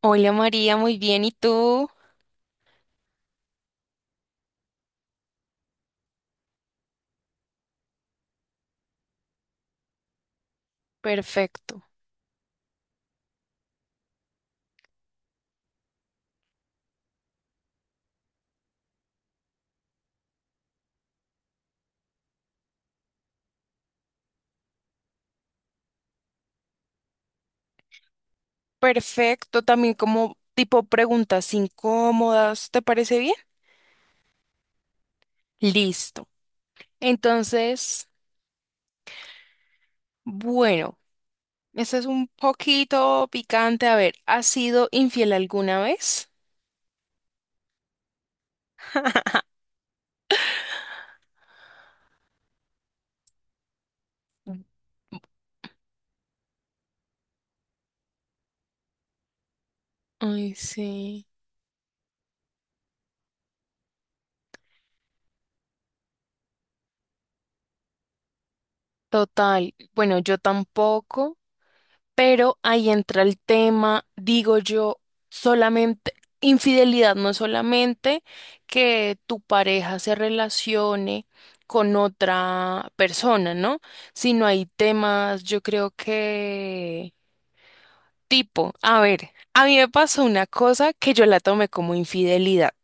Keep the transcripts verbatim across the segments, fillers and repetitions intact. Hola María, muy bien. ¿Y tú? Perfecto. Perfecto. También como tipo preguntas incómodas, ¿te parece bien? Listo. Entonces, bueno, este es un poquito picante. A ver, ¿has sido infiel alguna vez? Ay, sí. Total. Bueno, yo tampoco. Pero ahí entra el tema, digo yo, solamente, infidelidad no es solamente que tu pareja se relacione con otra persona, ¿no? Sino hay temas, yo creo que tipo, a ver, a mí me pasó una cosa que yo la tomé como infidelidad,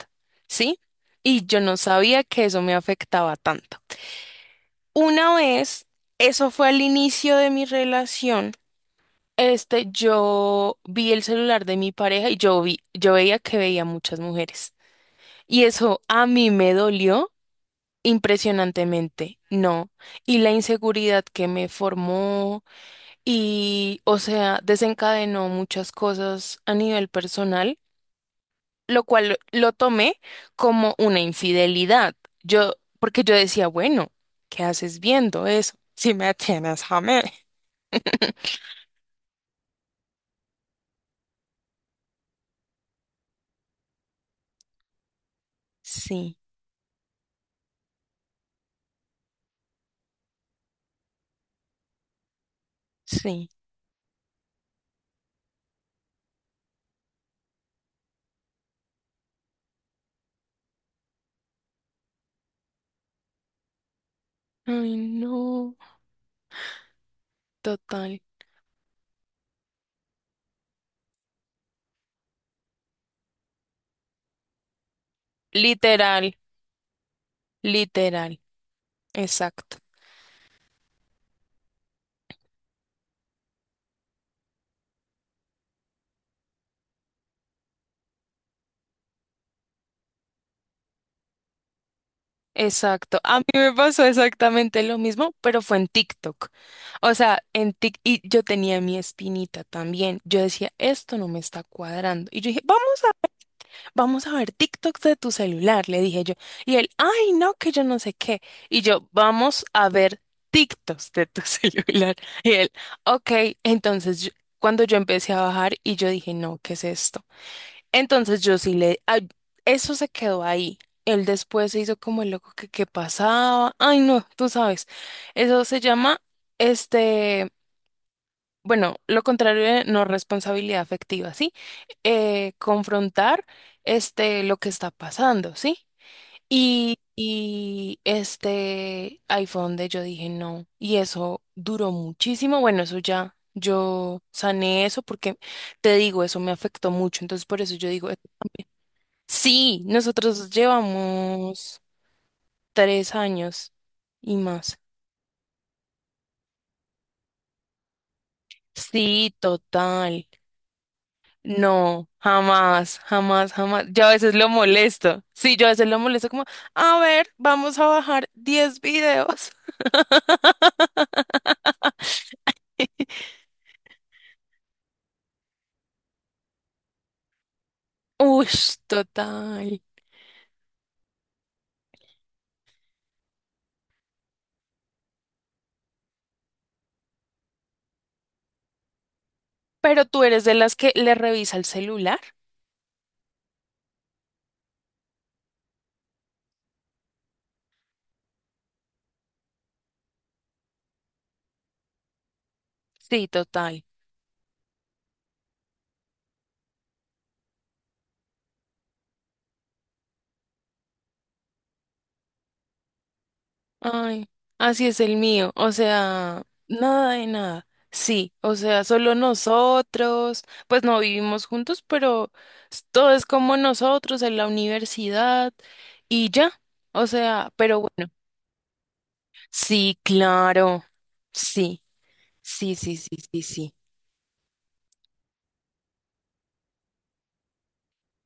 ¿sí? Y yo no sabía que eso me afectaba tanto. Una vez, eso fue al inicio de mi relación. Este, yo vi el celular de mi pareja y yo vi, yo veía que veía muchas mujeres. Y eso a mí me dolió impresionantemente, no. Y la inseguridad que me formó y, o sea, desencadenó muchas cosas a nivel personal, lo cual lo, lo tomé como una infidelidad. Yo, porque yo decía, bueno, ¿qué haces viendo eso? Si me tienes, jamé. Sí, sí. Ay, no, total. Literal, literal, exacto, exacto. A mí me pasó exactamente lo mismo, pero fue en TikTok. O sea, en TikTok, y yo tenía mi espinita también. Yo decía, esto no me está cuadrando. Y yo dije, vamos a, ver, vamos a ver TikToks de tu celular, le dije yo. Y él, ay, no, que yo no sé qué. Y yo, vamos a ver TikToks de tu celular. Y él, ok, entonces yo- cuando yo empecé a bajar y yo dije, no, ¿qué es esto? Entonces yo sí le... ay, eso se quedó ahí. Él después se hizo como el loco que qué pasaba. Ay, no, tú sabes. Eso se llama, este, bueno, lo contrario de no responsabilidad afectiva, ¿sí? Eh, confrontar, este, lo que está pasando, ¿sí? Y, y este, ahí fue donde yo dije no. Y eso duró muchísimo. Bueno, eso ya, yo sané eso porque te digo, eso me afectó mucho. Entonces, por eso yo digo, sí, nosotros llevamos tres años y más. Sí, total. No, jamás, jamás, jamás. Yo a veces lo molesto. Sí, yo a veces lo molesto como, a ver, vamos a bajar diez videos. Uy, total. Pero tú eres de las que le revisa el celular. Sí, total. Ay, así es el mío, o sea, nada de nada. Sí, o sea, solo nosotros, pues no vivimos juntos, pero s- todo es como nosotros en la universidad y ya, o sea, pero bueno, sí, claro, sí, sí, sí, sí, sí, sí.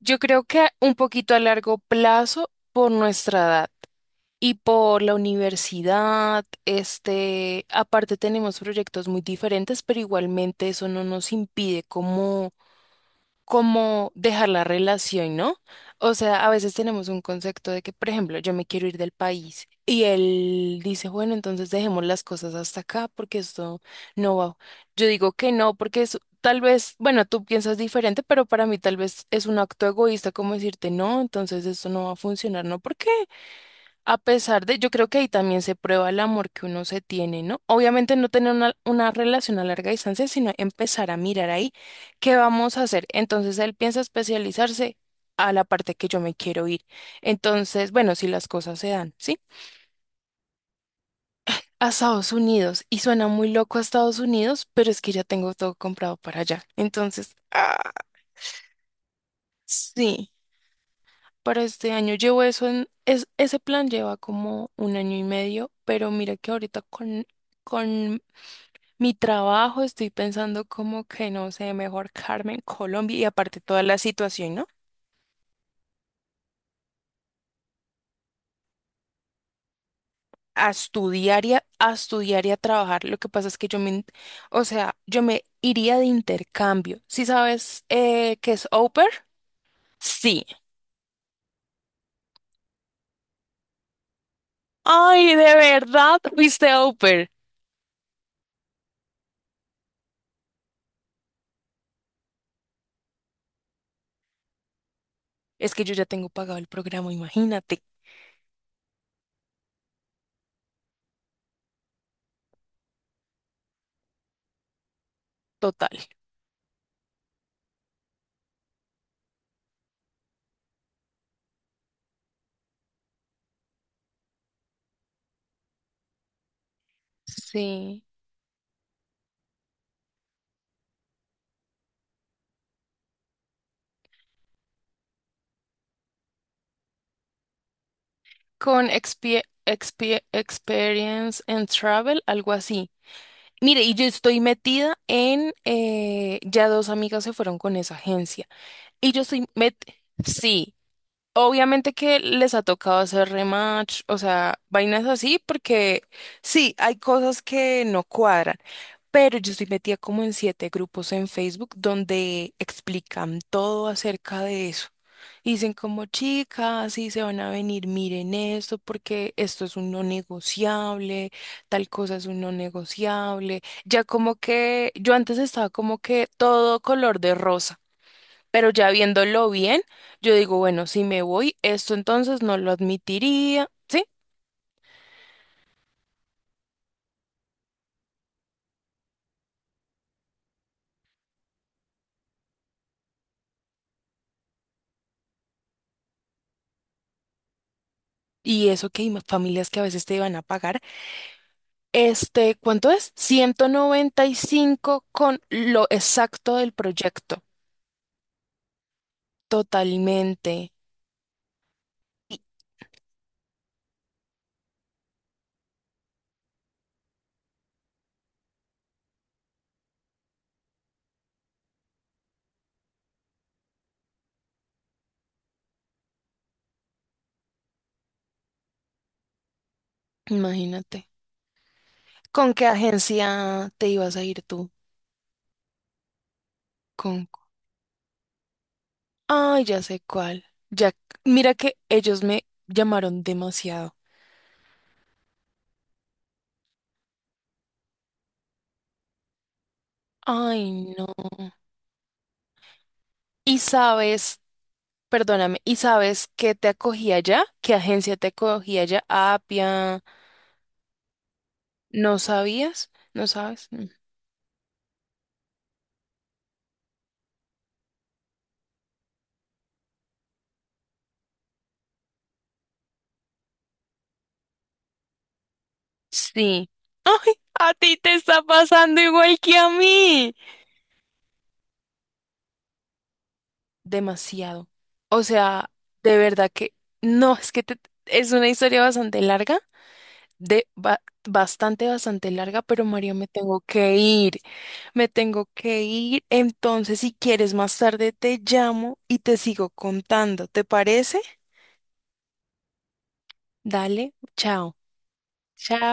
Yo creo que a- un poquito a largo plazo por nuestra edad. Y por la universidad, este, aparte tenemos proyectos muy diferentes, pero igualmente eso no nos impide como, como dejar la relación, ¿no? O sea, a veces tenemos un concepto de que, por ejemplo, yo me quiero ir del país y él dice, bueno, entonces dejemos las cosas hasta acá porque esto no va. Yo digo que no, porque es, tal vez, bueno, tú piensas diferente, pero para mí tal vez es un acto egoísta como decirte, no, entonces esto no va a funcionar, ¿no? ¿Por qué? A pesar de, yo creo que ahí también se prueba el amor que uno se tiene, ¿no? Obviamente no tener una, una relación a larga distancia, sino empezar a mirar ahí qué vamos a hacer. Entonces él piensa especializarse a la parte que yo me quiero ir. Entonces, bueno, si las cosas se dan, ¿sí? A Estados Unidos. Y suena muy loco a Estados Unidos, pero es que ya tengo todo comprado para allá. Entonces, ah, sí. Para este año llevo eso en, es, ese plan lleva como un año y medio, pero mira que ahorita con, con mi trabajo, estoy pensando como que, no sé, mejor Carmen, Colombia y aparte toda la situación, ¿no? A estudiar y a, a estudiar y a trabajar. Lo que pasa es que yo me, in- o sea, yo me iría de intercambio. ¿Sí sabes eh, qué es au pair? Sí. Ay, ¿de verdad fuiste au pair? Es que yo ya tengo pagado el programa, imagínate. Total. Sí. Con expie- expie- Experience and Travel, algo así. Mire, y yo estoy metida en, eh, ya dos amigas se fueron con esa agencia. Y yo estoy met, sí, obviamente que les ha tocado hacer rematch, o sea, vainas así, porque sí, hay cosas que no cuadran, pero yo estoy metida como en siete grupos en Facebook donde explican todo acerca de eso. Y dicen como chicas, sí se van a venir, miren esto, porque esto es un no negociable, tal cosa es un no negociable. Ya como que yo antes estaba como que todo color de rosa. Pero ya viéndolo bien, yo digo, bueno, si me voy, esto entonces no lo admitiría, ¿sí? Y eso que hay ma- familias que a veces te iban a pagar. Este, ¿cuánto es? Ciento noventa y cinco con lo exacto del proyecto. Totalmente. Y- imagínate. ¿Con qué agencia te ibas a ir tú? Con... cu- Ay, ya sé cuál. Ya, mira que ellos me llamaron demasiado. Ay, no. Y sabes, perdóname, ¿y sabes qué te acogía allá? ¿Qué agencia te acogía allá? Apia, ¿no sabías? ¿No sabes? Mm. Sí, a ti te está pasando igual que a mí. Demasiado. O sea, de verdad que no, es que te- es una historia bastante larga, de ba- bastante, bastante larga, pero María, me tengo que ir, me tengo que ir. Entonces, si quieres más tarde te llamo y te sigo contando, ¿te parece? Dale, chao. Chao.